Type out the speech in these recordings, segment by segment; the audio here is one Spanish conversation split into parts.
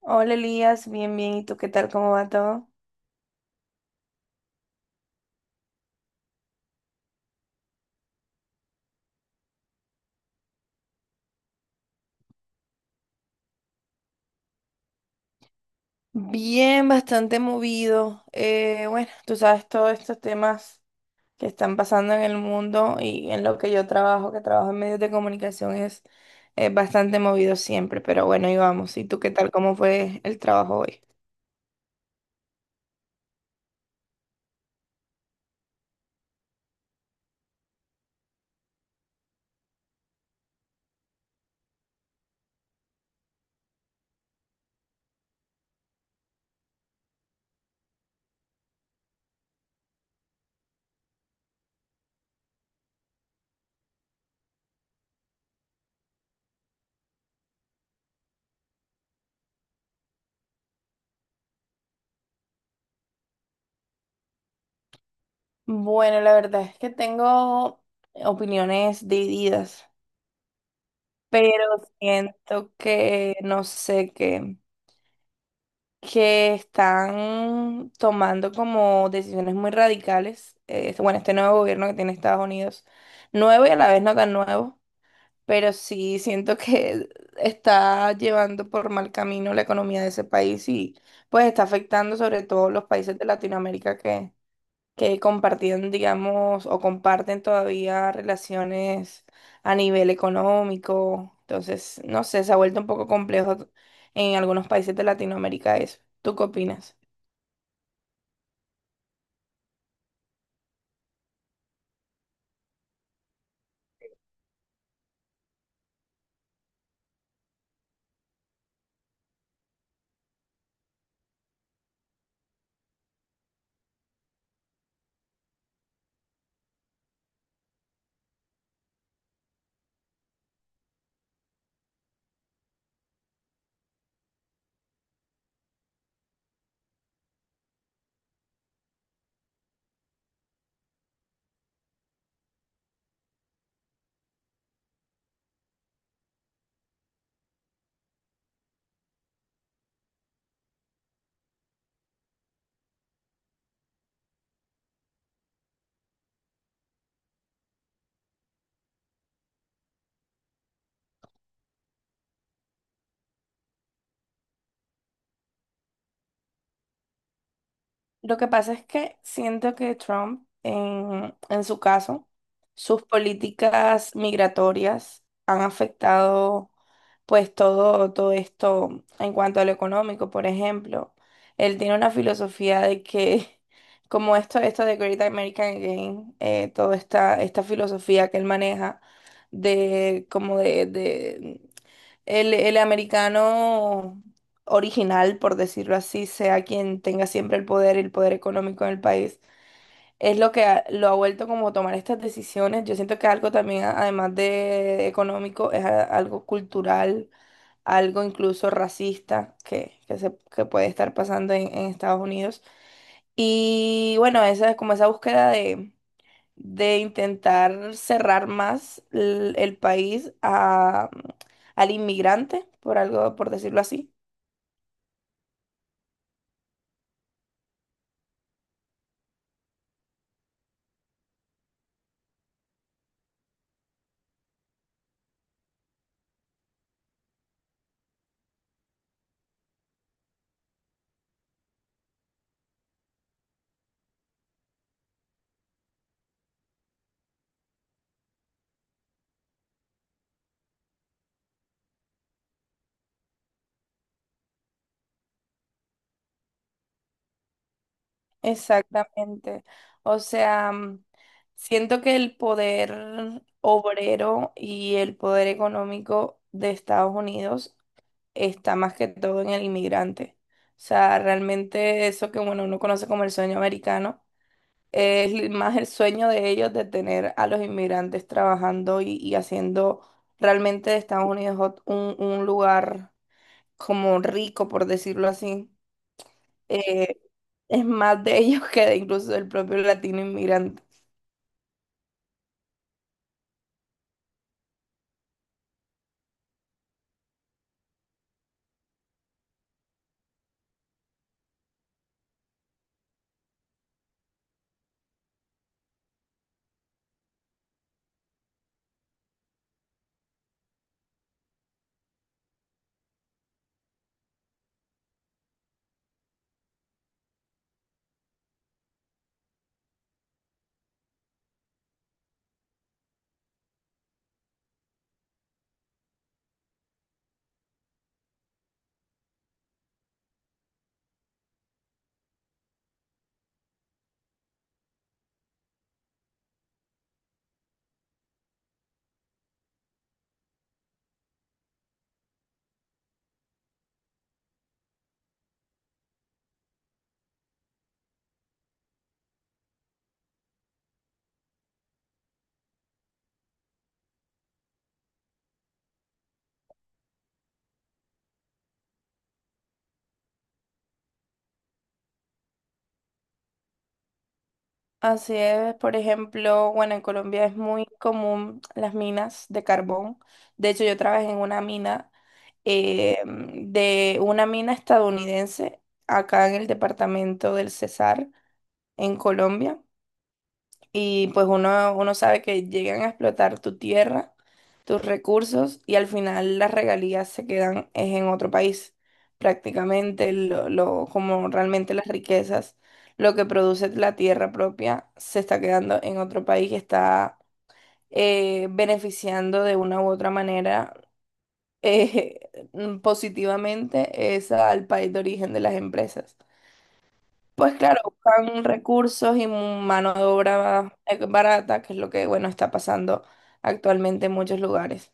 Hola Elías, bien, bien. ¿Y tú qué tal? ¿Cómo va todo? Bien, bastante movido. Bueno, tú sabes todos estos temas que están pasando en el mundo y en lo que yo trabajo, que trabajo en medios de comunicación, es bastante movido siempre. Pero bueno, y vamos. ¿Y tú qué tal? ¿Cómo fue el trabajo hoy? Bueno, la verdad es que tengo opiniones divididas, pero siento que no sé qué. Que están tomando como decisiones muy radicales. Bueno, este nuevo gobierno que tiene Estados Unidos, nuevo y a la vez no tan nuevo, pero sí siento que está llevando por mal camino la economía de ese país y pues está afectando sobre todo los países de Latinoamérica que compartían, digamos, o comparten todavía relaciones a nivel económico. Entonces, no sé, se ha vuelto un poco complejo en algunos países de Latinoamérica eso. ¿Tú qué opinas? Lo que pasa es que siento que Trump, en su caso, sus políticas migratorias han afectado pues todo, todo esto en cuanto a lo económico, por ejemplo. Él tiene una filosofía de que, como esto de Great American Game, toda esta filosofía que él maneja de como de, el americano original, por decirlo así, sea quien tenga siempre el poder económico en el país, es lo que lo ha vuelto como a tomar estas decisiones. Yo siento que algo también, además de económico, es algo cultural, algo incluso racista que puede estar pasando en Estados Unidos. Y bueno, esa es como esa búsqueda de intentar cerrar más país a, al inmigrante, por algo, por decirlo así. Exactamente. O sea, siento que el poder obrero y el poder económico de Estados Unidos está más que todo en el inmigrante. O sea, realmente eso que bueno, uno conoce como el sueño americano. Es más el sueño de ellos de tener a los inmigrantes trabajando y haciendo realmente de Estados Unidos un lugar como rico, por decirlo así. Eh, es más de ellos que de incluso del propio latino inmigrante. Así es, por ejemplo, bueno, en Colombia es muy común las minas de carbón. De hecho, yo trabajé en una mina, de una mina estadounidense acá en el departamento del Cesar, en Colombia. Y pues uno sabe que llegan a explotar tu tierra, tus recursos y al final las regalías se quedan es en otro país. Prácticamente como realmente las riquezas, lo que produce la tierra propia se está quedando en otro país y está beneficiando de una u otra manera eh, positivamente es al país de origen de las empresas. Pues claro, buscan recursos y mano de obra barata, que es lo que, bueno, está pasando actualmente en muchos lugares.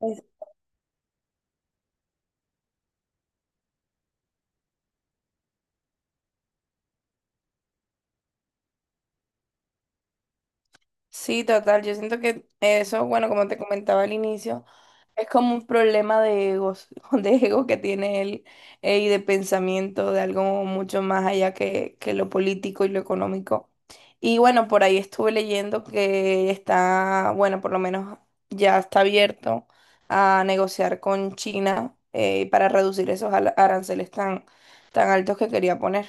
Es- Sí, total, yo siento que eso, bueno, como te comentaba al inicio. Es como un problema de egos, de ego que tiene él y de pensamiento de algo mucho más allá que lo político y lo económico. Y bueno, por ahí estuve leyendo que está, bueno, por lo menos ya está abierto a negociar con China para reducir esos aranceles tan altos que quería poner.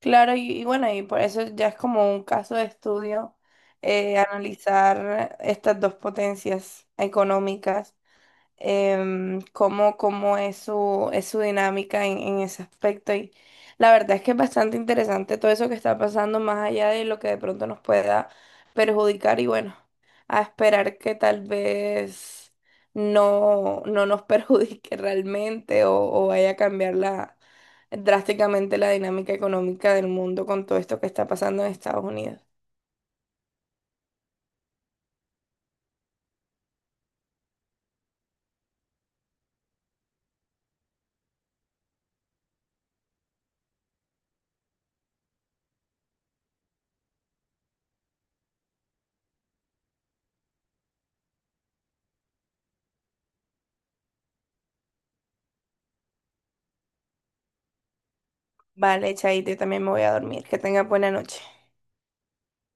Claro, y bueno, y por eso ya es como un caso de estudio analizar estas dos potencias económicas cómo es es su dinámica en ese aspecto. Y la verdad es que es bastante interesante todo eso que está pasando, más allá de lo que de pronto nos pueda perjudicar. Y bueno, a esperar que tal vez no nos perjudique realmente o vaya a cambiar la, drásticamente la dinámica económica del mundo con todo esto que está pasando en Estados Unidos. Vale, Chaito, yo también me voy a dormir. Que tenga buena noche.